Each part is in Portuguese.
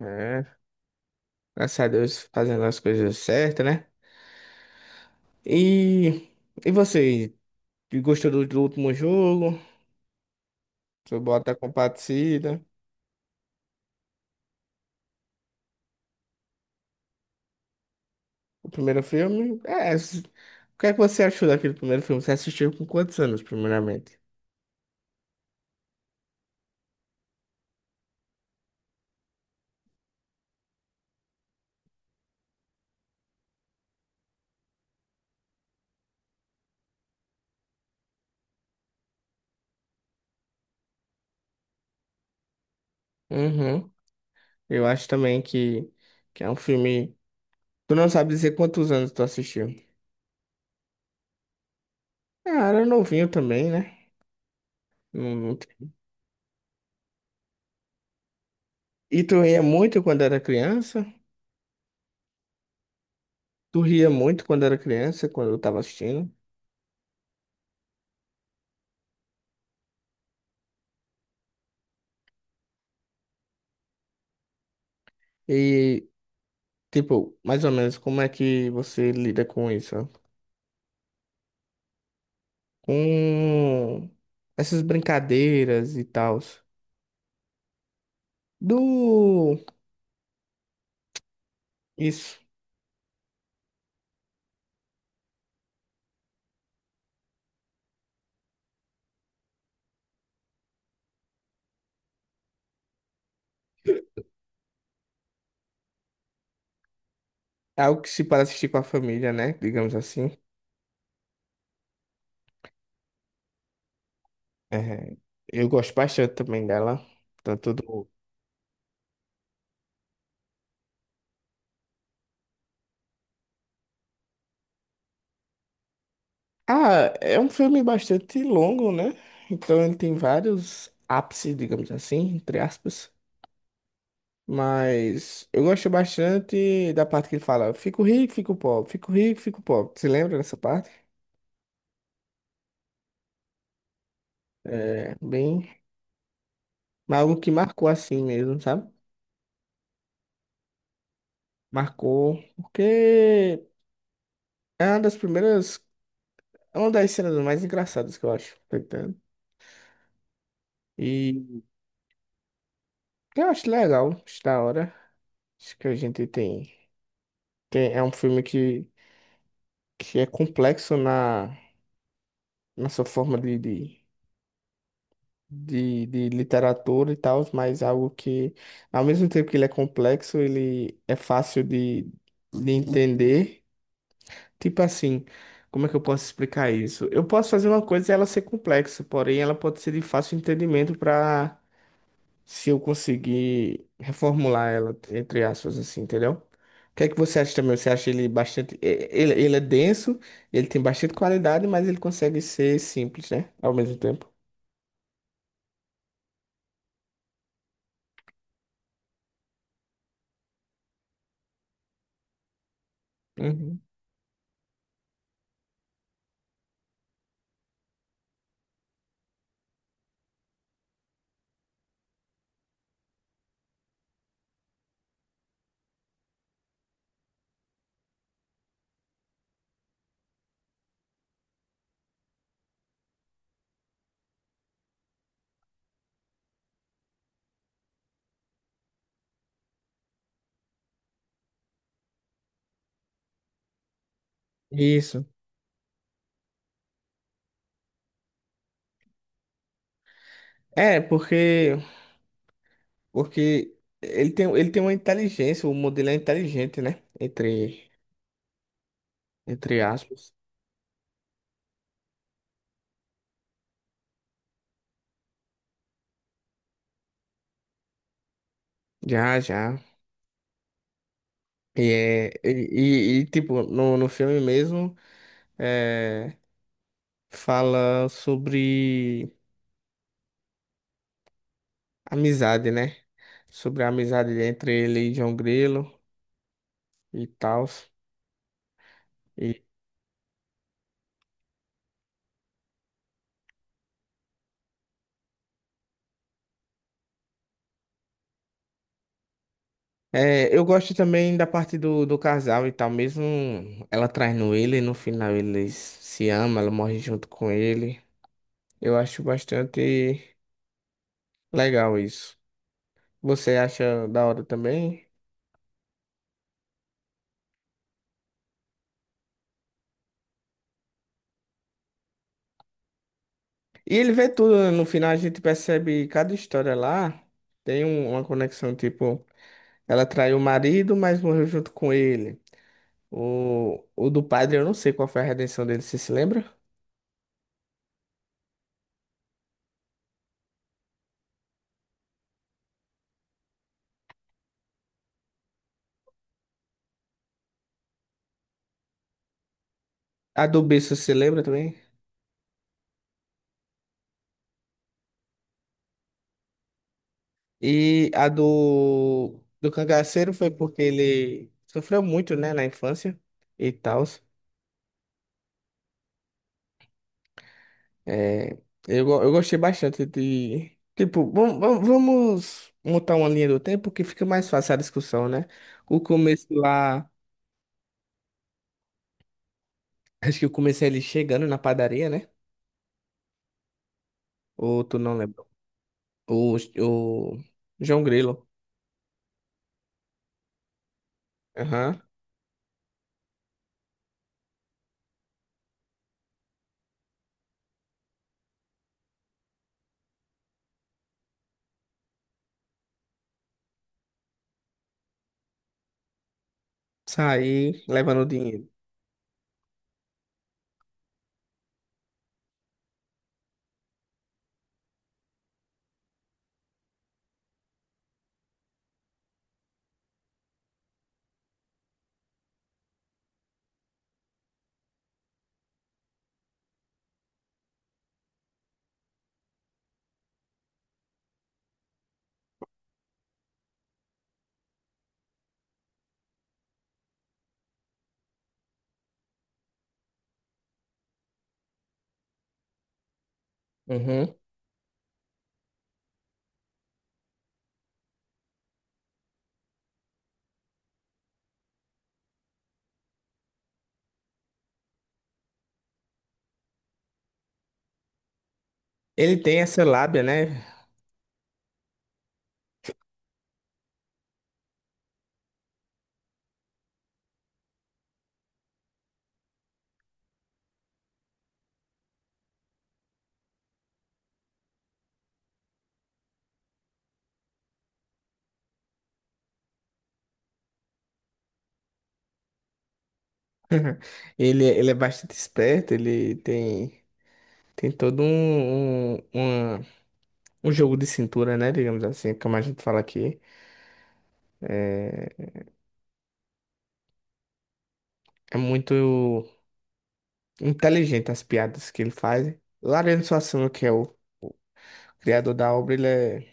É, graças a Deus fazendo as coisas certas, né? E, e você, gostou do último jogo? Você bota compartilha, o primeiro filme? É, o que é que você achou daquele primeiro filme? Você assistiu com quantos anos, primeiramente? Uhum. Eu acho também que é um filme. Tu não sabe dizer quantos anos tu assistiu? Ah, era novinho também, né? Não- não te- E tu ria muito quando era criança? Tu ria muito quando era criança, quando eu tava assistindo? E, tipo, mais ou menos, como é que você lida com isso? Com essas brincadeiras e tal. Do... Isso. É algo que se para assistir com a família, né? Digamos assim. É, eu gosto bastante também dela. Tanto do... Ah, é um filme bastante longo, né? Então ele tem vários ápices, digamos assim, entre aspas. Mas eu gosto bastante da parte que ele fala: fico rico, fico pobre, fico rico, fico pobre. Você lembra dessa parte? É bem. Mas algo que marcou assim mesmo, sabe? Marcou, porque é uma das primeiras. É uma das cenas mais engraçadas que eu acho, tá entendendo? E eu acho legal, acho da hora. Acho que a gente tem. Tem, é um filme que é complexo na nossa forma de literatura e tal, mas algo que, ao mesmo tempo que ele é complexo, ele é fácil de entender. Tipo assim, como é que eu posso explicar isso? Eu posso fazer uma coisa e ela ser complexa, porém ela pode ser de fácil entendimento para se eu conseguir reformular ela, entre aspas, assim, entendeu? O que é que você acha também? Você acha ele bastante. Ele ele é denso, ele tem bastante qualidade, mas ele consegue ser simples, né? Ao mesmo tempo. Uhum. Isso. É, porque ele tem uma inteligência, o modelo é inteligente, né? Entre aspas. Já, já. E tipo, no filme mesmo, é, fala sobre amizade, né? Sobre a amizade entre ele e João Grilo e tal. E, é, eu gosto também da parte do casal e tal, mesmo ela traindo ele, no final eles se amam, ela morre junto com ele. Eu acho bastante legal isso. Você acha da hora também? E ele vê tudo, né? No final a gente percebe cada história lá. Tem uma conexão, tipo, ela traiu o marido, mas morreu junto com ele. O do padre, eu não sei qual foi a redenção dele, você se lembra? A do bispo, se lembra também? E a do cangaceiro foi porque ele sofreu muito, né, na infância e tal. É, eu gostei bastante de. Tipo, vamos montar uma linha do tempo que fica mais fácil a discussão, né? O começo lá. Acho que eu comecei ele chegando na padaria, né? Ou tu não lembra? O João Grilo. Aham. Sair levando o dinheiro. Uhum. Ele tem essa lábia, né? Ele é bastante esperto, ele tem, tem todo um jogo de cintura, né? Digamos assim, é como a gente fala aqui. É, é muito. Inteligente as piadas que ele faz. O Ariano Suassuna, que é o criador da obra,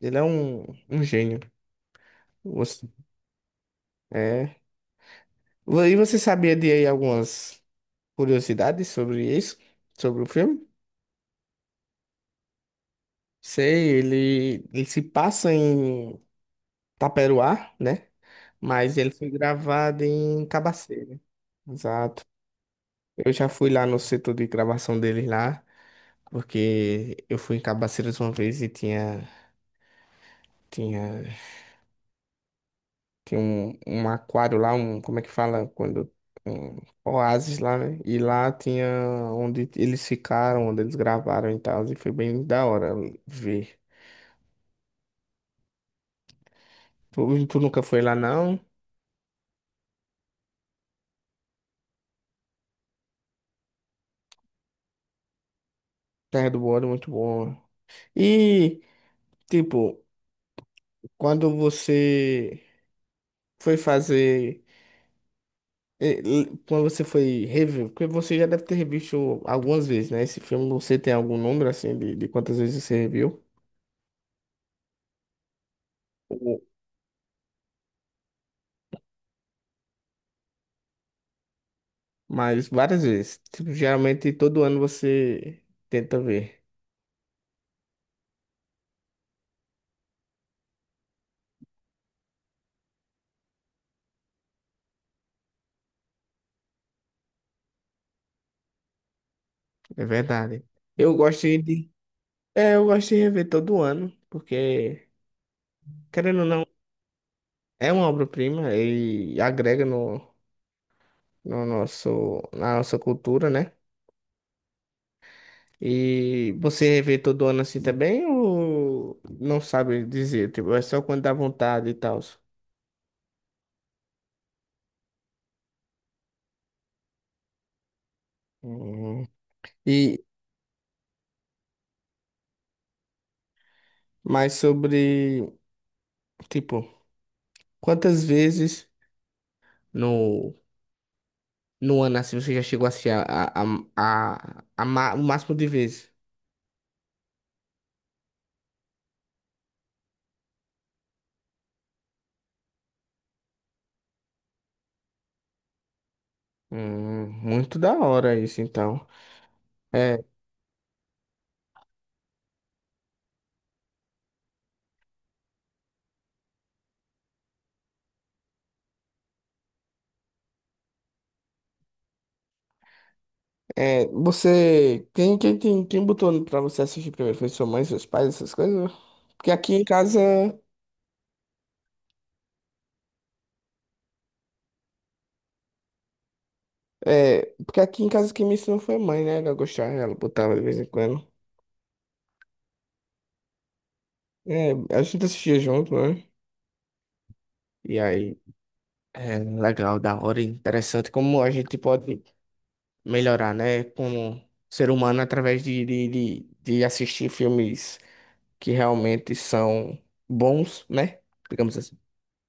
ele é um gênio. Você... é. E você sabia de aí algumas curiosidades sobre isso? Sobre o filme? Sei, ele se passa em Taperoá, né? Mas ele foi gravado em Cabaceira. Exato. Eu já fui lá no setor de gravação dele lá, porque eu fui em Cabaceiras uma vez e tinha. Tinha... tem um aquário lá, um, como é que fala? Quando, um oásis lá, né? E lá tinha onde eles ficaram, onde eles gravaram e tal. E foi bem da hora ver. Tu, tu nunca foi lá, não? Terra do Ouro, muito bom. E, tipo, quando você foi fazer. Quando você foi rever, porque você já deve ter revisto algumas vezes, né? Esse filme, você tem algum número, assim, de quantas vezes você reviu? Mas várias vezes. Tipo, geralmente todo ano você tenta ver. É verdade. Eu gosto de. É, eu gosto de rever todo ano, porque, querendo ou não, é uma obra-prima e agrega no, no nosso, na nossa cultura, né? E você rever todo ano assim também, ou não sabe dizer? Tipo, é só quando dá vontade e tal. Hum. E mais sobre, tipo, quantas vezes. No, no ano, assim, você já chegou assim o máximo de vezes. Muito da hora isso, então. É, é, você, quem botou pra você assistir primeiro? Foi sua mãe, seus pais, essas coisas? Porque aqui em casa, é, porque aqui em casa quem me ensinou foi a mãe, né? Ela gostava, ela botava de vez em quando. É, a gente assistia junto, né? E aí, é legal, da hora, interessante como a gente pode melhorar, né? Como ser humano através de assistir filmes que realmente são bons, né? Digamos assim.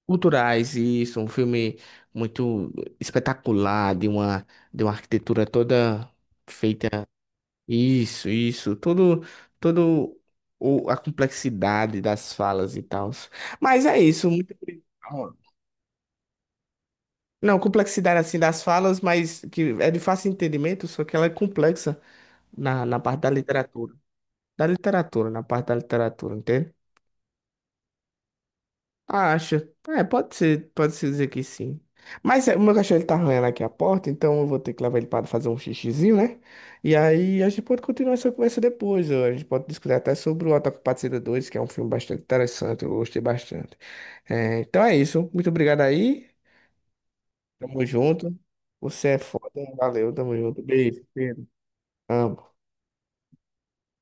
Culturais, e isso, um filme muito espetacular, de uma arquitetura toda feita. Isso, todo, todo o, a complexidade das falas e tal. Mas é isso, muito não, complexidade assim das falas, mas que é de fácil entendimento, só que ela é complexa. Na parte da literatura. Da literatura, na parte da literatura, entende? Ah, acho. É, pode ser, pode se dizer que sim. Mas é, o meu cachorro ele tá arranhando aqui a porta, então eu vou ter que levar ele para fazer um xixizinho, né? E aí a gente pode continuar essa conversa depois. Ó. A gente pode discutir até sobre o Autocapacidade dois que é um filme bastante interessante, eu gostei bastante. É, então é isso. Muito obrigado aí. Tamo junto. Você é foda. Valeu, tamo junto. Beijo, Pedro. Amo.